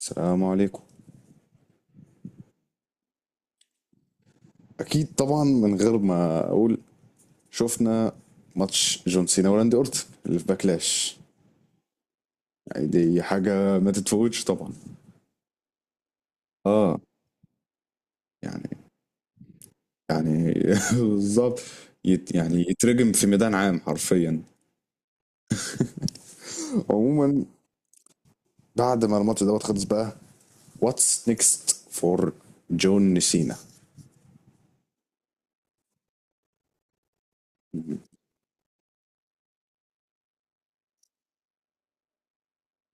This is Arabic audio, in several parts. السلام عليكم. اكيد طبعا من غير ما اقول. شفنا ماتش جون سينا وراندي اورتن اللي في باكلاش. يعني دي حاجه ما تتفوتش طبعا. اه. يعني يعني بالظبط. يعني يترجم في ميدان عام حرفيا. عموما بعد ما الماتش دوت خلص بقى، واتس نيكست فور جون سينا؟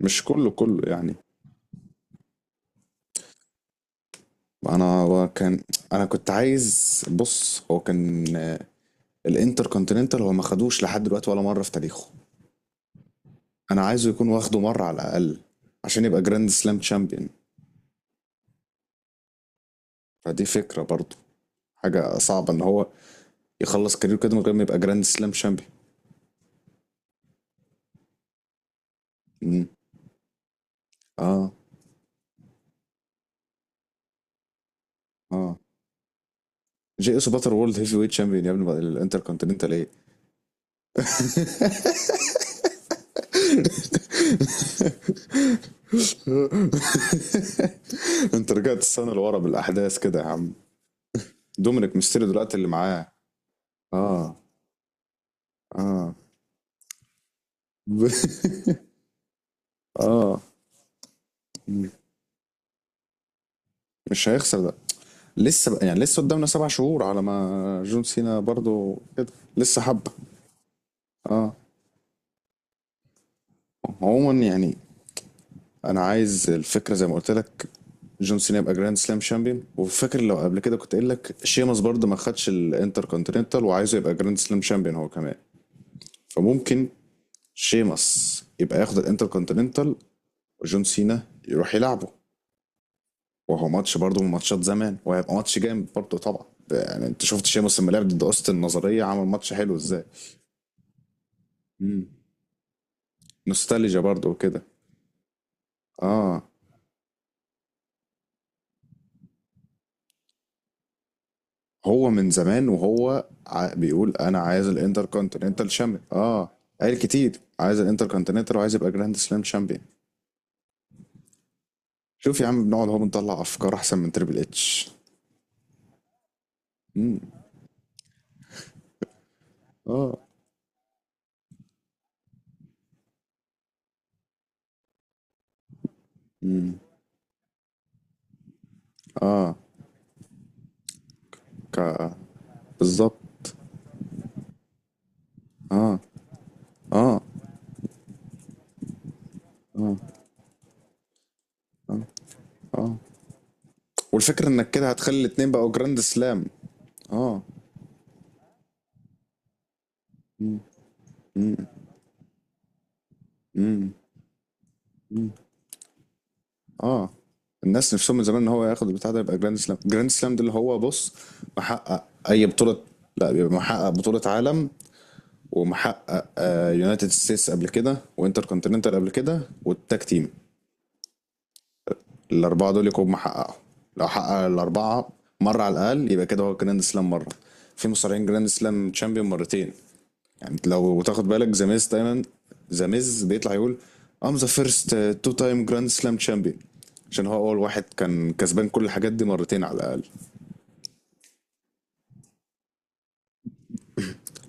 مش كله كله يعني. انا كان انا كنت عايز. بص هو كان الانتر كونتيننتال هو ما خدوش لحد دلوقتي ولا مره في تاريخه. انا عايزه يكون واخده مرة على الاقل، عشان يبقى جراند سلام شامبيون. فدي فكرة برضو، حاجة صعبة ان هو يخلص كاريره كده من غير ما يبقى جراند سلام شامبيون. امم اه. اه. جي اس باتر وورلد هيفي ويت شامبيون يا ابني بقى، الانتر كونتيننتال ايه؟ انت رجعت السنة لورا بالاحداث كده يا عم. دومينيك ميستيريو دلوقتي اللي معاه. اه. اه. اه. مم. مش هيخسر ده، لسه بقى يعني، لسه قدامنا سبع شهور على ما جون سينا برضو كده لسه حبة. اه. عموما يعني، انا عايز الفكره زي ما قلت لك. جون سينا يبقى جراند سلام شامبيون، وفاكر لو قبل كده كنت قايل لك شيمس برضه ما خدش الانتر كونتيننتال وعايزه يبقى جراند سلام شامبيون هو كمان. فممكن شيمس يبقى ياخد الانتر كونتيننتال وجون سينا يروح يلعبه، وهو ماتش برضه من ماتشات زمان وهيبقى ماتش جامد برضه طبعا. يعني انت شفت شيمس لما لعب ضد اوستن النظريه عمل ماتش حلو ازاي. مم. نوستالجيا برضه وكده. اه. هو من زمان وهو بيقول انا عايز الانتر كونتيننتال شامبيون. اه. قال كتير عايز الانتر كونتيننتال وعايز يبقى جراند سلام شامبيون. شوف يا عم، بنقعد اهو بنطلع افكار احسن من تريبل اتش. اه. ك... بالظبط. اه. اه. اه. والفكره انك كده هتخلي الاتنين بقوا جراند سلام. اه. امم. أمم. اه. الناس نفسهم من زمان ان هو ياخد البتاع ده، يبقى جراند سلام. جراند سلام ده اللي هو، بص، محقق اي بطوله. لا، بيبقى محقق بطوله عالم، ومحقق يونايتد ستيتس قبل كده، وانتر كونتيننتال قبل كده، والتاج تيم. الاربعه دول يكونوا محققهم. لو حقق الاربعه مره على الاقل يبقى كده هو جراند سلام مره. في مصارعين جراند سلام تشامبيون مرتين. يعني انت لو تاخد بالك ذا ميز دايما، ذا ميز بيطلع يقول ذا فيرست تو تايم جراند سلام تشامبيون، عشان هو اول واحد كان كسبان كل الحاجات دي مرتين على الاقل.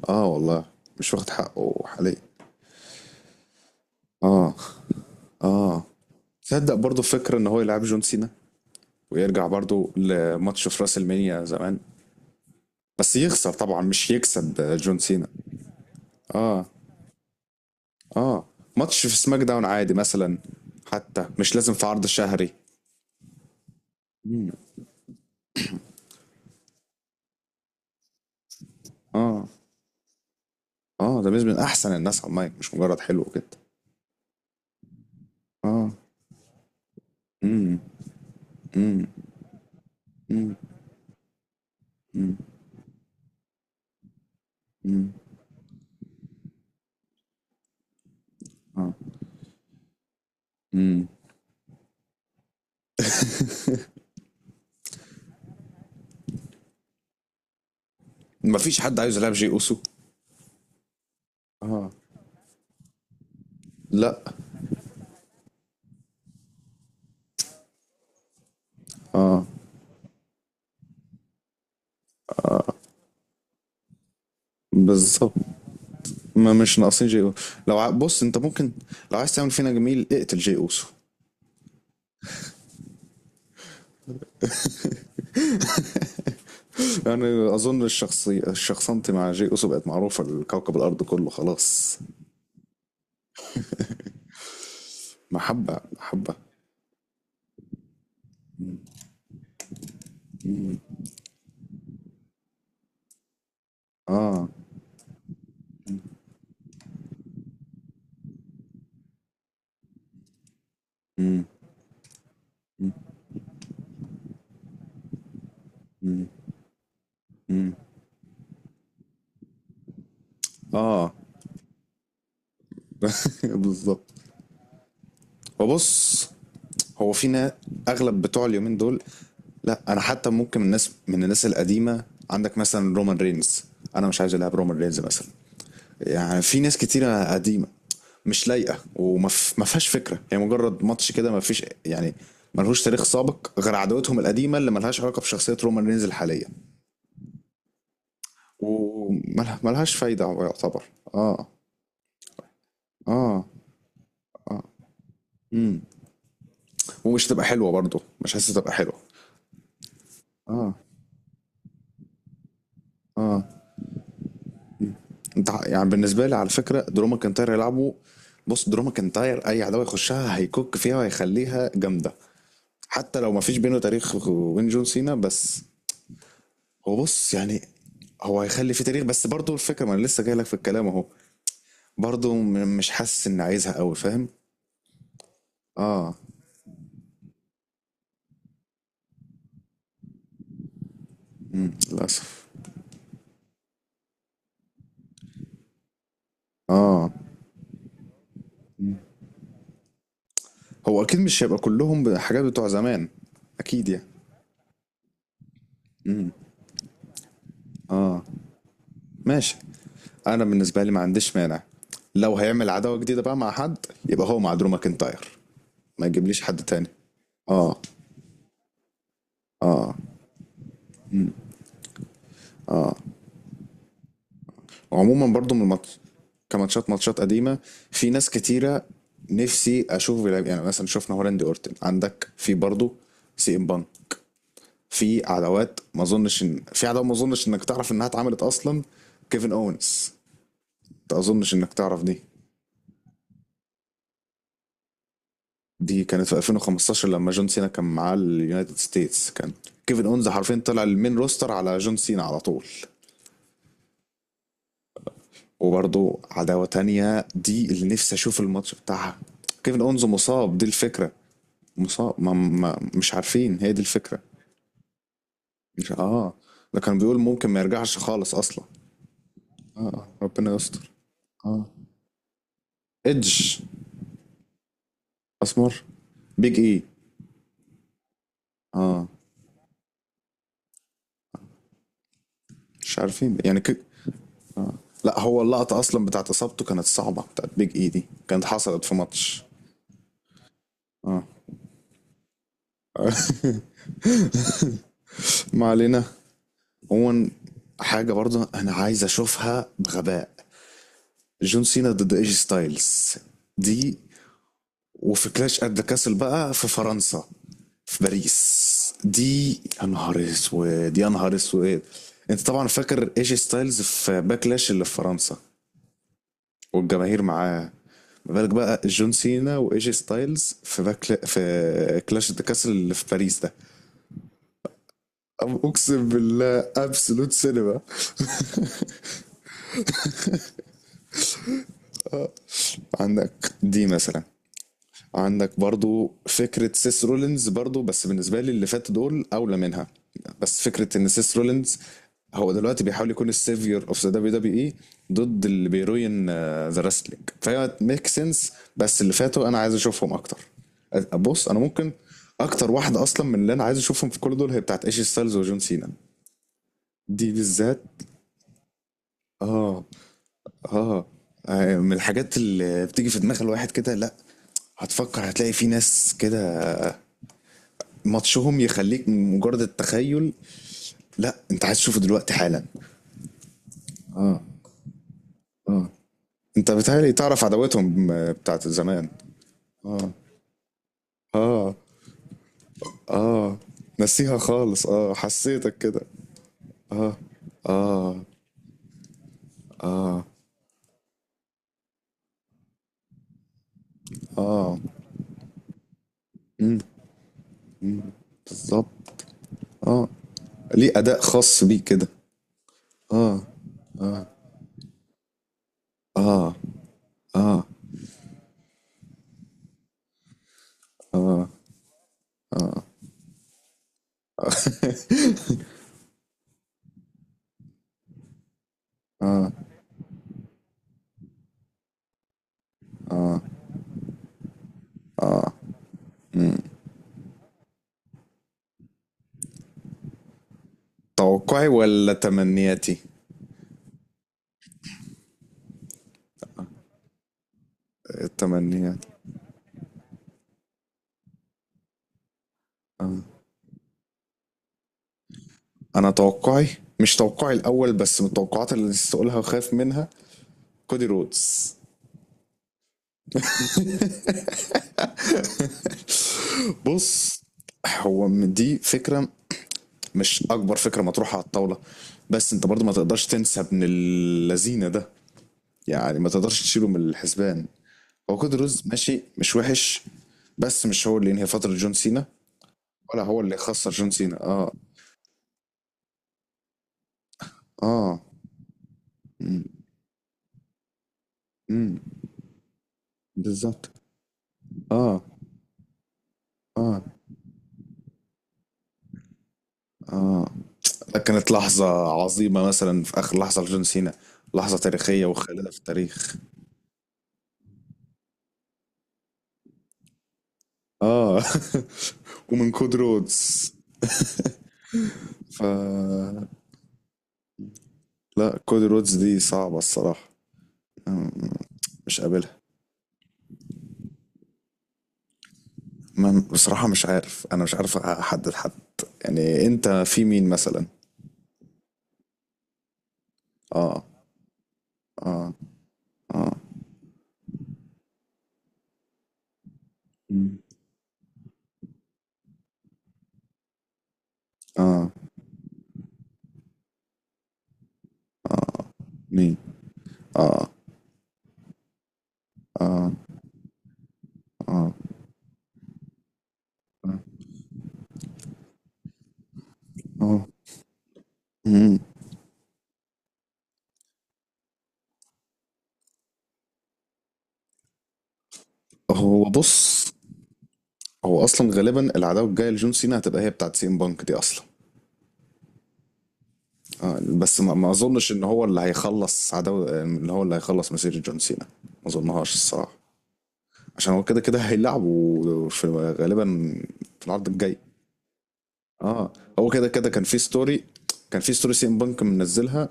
اه والله. مش واخد حقه حاليا. اه. اه. تصدق برضه فكره ان هو يلعب جون سينا، ويرجع برضو لماتش في راس المنيا زمان. بس يخسر طبعا، مش يكسب جون سينا. اه. اه. ماتش في سماك داون عادي مثلا، حتى مش لازم في عرض شهري. مم. اه. اه. ده بيز من احسن الناس على المايك، مش مجرد حلو كده. اه. امم. امم. امم. امم. امم. اه. امم. مفيش حد عايز يلعب جي اوسو. اه. لا. اه، بالظبط. ما مش ناقصين جي اوسو. لو بص انت ممكن، لو عايز تعمل فينا جميل، اقتل جي اوسو. يعني اظن الشخصنت مع جي اوسو بقت معروفه لكوكب الارض كله خلاص. محبه محبه. اه. امم. امم. امم. اه. بالظبط. وبص، هو فينا اغلب بتوع اليومين دول. لا انا حتى ممكن الناس، من الناس القديمه، عندك مثلا رومان رينز، انا مش عايز العب رومان رينز مثلا. يعني في ناس كتيرة قديمة مش لايقة، وما ف- ما فيهاش فكرة، هي مجرد ماتش كده ما فيش يعني. ملهوش تاريخ سابق غير عداوتهم القديمة اللي ملهاش علاقة بشخصية رومان رينز الحالية. وملهاش فايدة، هو يعتبر. اه. اه. اه. امم. ومش تبقى حلوة برضه، مش حاسس تبقى حلوة. اه. اه. انت يعني بالنسبة لي، على فكرة درو ماكنتاير يلعبوا. بص درو ماكنتاير اي عداوة يخشها هيكوك فيها وهيخليها جامدة، حتى لو ما فيش بينه تاريخ وين جون سينا. بس هو بص يعني، هو هيخلي في تاريخ، بس برضه الفكرة، ما انا لسه جاي لك في الكلام اهو. برضه مش حاسس اني عايزها قوي، فاهم. اه. للاسف. اه. هو اكيد مش هيبقى كلهم حاجات بتوع زمان. اكيد يعني. امم. اه. ماشي. انا بالنسبة لي ما عنديش مانع لو هيعمل عداوة جديدة بقى مع حد، يبقى هو مع درو ماكنتاير. ما يجيبليش حد تاني. اه. عموما برضو، من الماتش، كماتشات، ماتشات قديمة، في ناس كتيرة نفسي أشوف بيلعب. يعني مثلا شفنا هولندي أورتن، عندك في برضو سي إم بان، في عداوات ما أظنش إن في عداوة ما أظنش إنك تعرف إنها اتعملت أصلا، كيفن أوينز. ما أظنش إنك تعرف دي. دي كانت في 2015 لما جون سينا كان معاه اليونايتد ستيتس كان كيفن أوينز حرفيا طلع المين روستر على جون سينا على طول. وبرضو عداوة تانية دي اللي نفسي أشوف الماتش بتاعها. كيفن أونز مصاب، دي الفكرة. مصاب، ما مش عارفين، هي دي الفكرة. مش اه. ده كان بيقول ممكن ما يرجعش خالص اصلا. اه، ربنا يستر. ايدج. اسمر. بيج اي. اه. مش عارفين يعني لا، هو اللقطة اصلا بتاعت اصابته كانت صعبة، بتاعت بيج اي دي كانت حصلت في ماتش. اه. ما علينا. عموما، حاجة برضه انا عايز اشوفها بغباء، جون سينا ضد ايجي ستايلز. دي، وفي كلاش ات ذا كاسل بقى في فرنسا، في باريس. دي يا نهار اسود يا نهار اسود. انت طبعا فاكر ايجي ستايلز في باكلاش اللي في فرنسا والجماهير معاه. ما بالك بقى جون سينا وايجي ستايلز في باكلا في كلاش ذا كاسل اللي في باريس ده؟ اقسم بالله، ابسولوت سينما. عندك دي مثلا، عندك برضو فكرة سيس رولينز، برضو بس بالنسبة لي اللي فات دول أولى منها. بس فكرة إن سيس رولينز هو دلوقتي بيحاول يكون السيفير اوف ذا دبليو دبليو اي ضد اللي بيروين ذا رسلينج، فهي ميك سنس، بس اللي فاتوا انا عايز اشوفهم اكتر. بص انا ممكن، اكتر واحدة اصلا من اللي انا عايز اشوفهم في كل دول هي بتاعت ايشي ستايلز وجون سينا. دي بالذات. اه. اه. آه، من الحاجات اللي بتيجي في دماغ الواحد كده. لا هتفكر هتلاقي في ناس كده ماتشهم يخليك من مجرد التخيل، لا انت عايز تشوفه دلوقتي حالا. اه. اه. انت بتهيألي تعرف عداوتهم بتاعت زمان. اه. اه. اه. نسيها خالص اه، حسيتك كده. اه. اه. مم. بالظبط. اه. ليه اداء خاص بيه كده. اه. اه. اه. توقعي ولا تمنياتي؟ التمنيات. آه. انا توقعي، مش توقعي الاول بس، من التوقعات اللي نسيت اقولها وخايف منها، كودي رودز. بص، هو من دي فكرة، مش أكبر فكرة مطروحة على الطاولة، بس أنت برضو ما تقدرش تنسى ابن اللذينة ده، يعني ما تقدرش تشيله من الحسبان. هو كود روز ماشي، مش وحش، بس مش هو اللي ينهي فترة جون سينا، ولا هو اللي يخسر جون سينا. اه. اه. مم. مم. بالظبط. اه. اه. اه. كانت لحظة عظيمة، مثلا في آخر لحظة لجون سينا، لحظة تاريخية وخالدة في التاريخ. اه. ومن كود رودز. ف لا، كودي رودز دي صعبة الصراحة. أم- مش قابلها. ما بصراحة مش عارف، أنا مش عارف أحدد حد. يعني أنت في مين مثلا؟ آه. آه. آه. مم. آه. مين؟ آه. آه. آه. آه. مم. هو بص، هو أصلا غالبا العداوة الجاية لجون سينا هتبقى هي بتاعت سي ام بانك دي أصلا. آه، بس ما أظنش إن هو اللي هيخلص عداوة، إن هو اللي هيخلص مسيرة جون سينا، ما أظنهاش الصراحة. عشان هو كده كده هيلعبوا في غالبا، في العرض الجاي. اه. هو كده كده كان في ستوري، كان في ستوري سي ام بانك منزلها،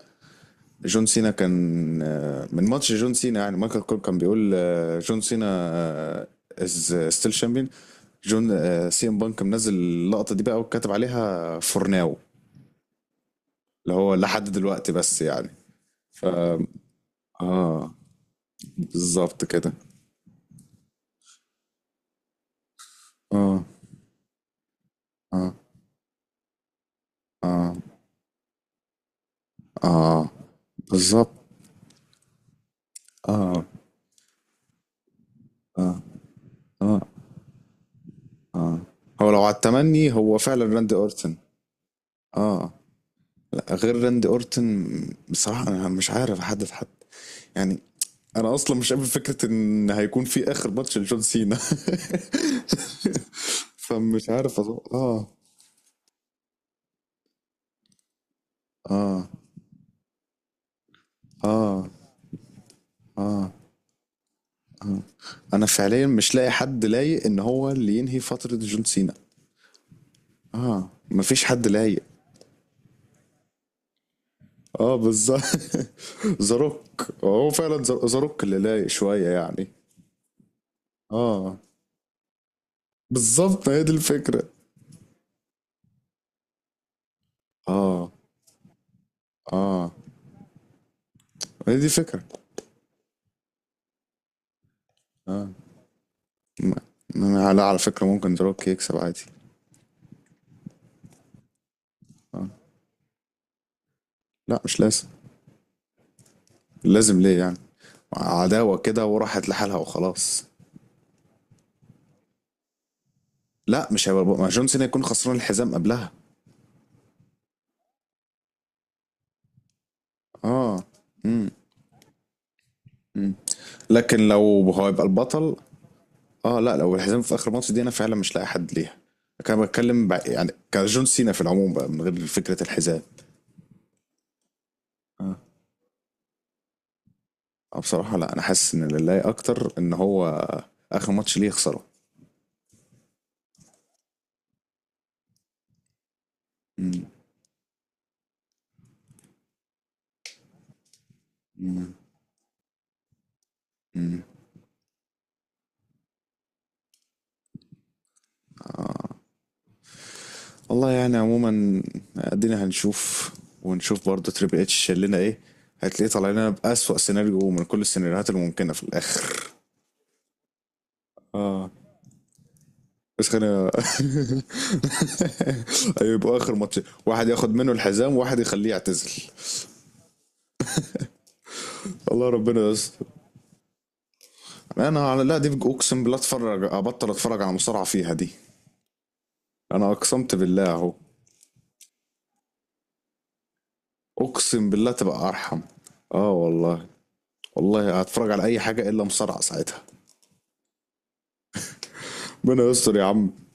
جون سينا كان، آه، من ماتش جون سينا يعني مايكل كول كان بيقول آه، جون سينا از ستيل شامبيون، جون. آه، سي ام بانك منزل اللقطة دي بقى، وكاتب عليها فور ناو اللي هو لحد دلوقتي، بس يعني ف اه، بالظبط كده. اه. اه. اه. اه. بالظبط. اه. اه. اه. هو لو على التمني، هو فعلا راندي اورتن. اه، لا غير راندي اورتن بصراحة، انا مش عارف احدد حد يعني. انا اصلا مش قابل فكرة ان هيكون في اخر ماتش لجون سينا. فمش عارف أظن. اه. اه. اه. اه. اه. انا فعليا مش لاقي حد لايق ان هو اللي ينهي فترة جون سينا. اه، مفيش حد لايق. اه، بالظبط. زاروك هو فعلا زاروك اللي لايق شوية يعني. اه، بالظبط، هي دي الفكرة. اه. اه، هي دي الفكرة. اه. م- لا، على فكرة ممكن دروك يكسب عادي. آه. لا مش لازم. لازم ليه يعني؟ عداوة كده وراحت لحالها وخلاص. لا، مش هيبقى. ما جون سينا يكون خسران الحزام قبلها. اه. امم. امم. لكن لو هو يبقى البطل، اه لا، لو الحزام في اخر ماتش دي انا فعلا مش لاقي حد ليها. كان بتكلم يعني كجون سينا في العموم بقى، من غير فكرة الحزام. آه. اه، بصراحة لا، انا حاسس ان لله اكتر ان هو اخر ماتش ليه يخسره. مم. مم. مم. آه. والله يعني. عموما، ادينا هنشوف، ونشوف برضه تريبل اتش شال لنا ايه، هتلاقيه طالع لنا بأسوأ سيناريو من كل السيناريوهات الممكنة في الاخر. اه، بس خلينا. أيوة، يبقى اخر ماتش واحد ياخد منه الحزام وواحد يخليه يعتزل. الله، ربنا يستر. انا على لا دي، اقسم بالله اتفرج، ابطل اتفرج على مصارعة فيها دي. انا اقسمت بالله اهو. اقسم بالله تبقى ارحم. اه والله. والله هتفرج على اي حاجه الا مصارعه ساعتها. ربنا يستر يا عم.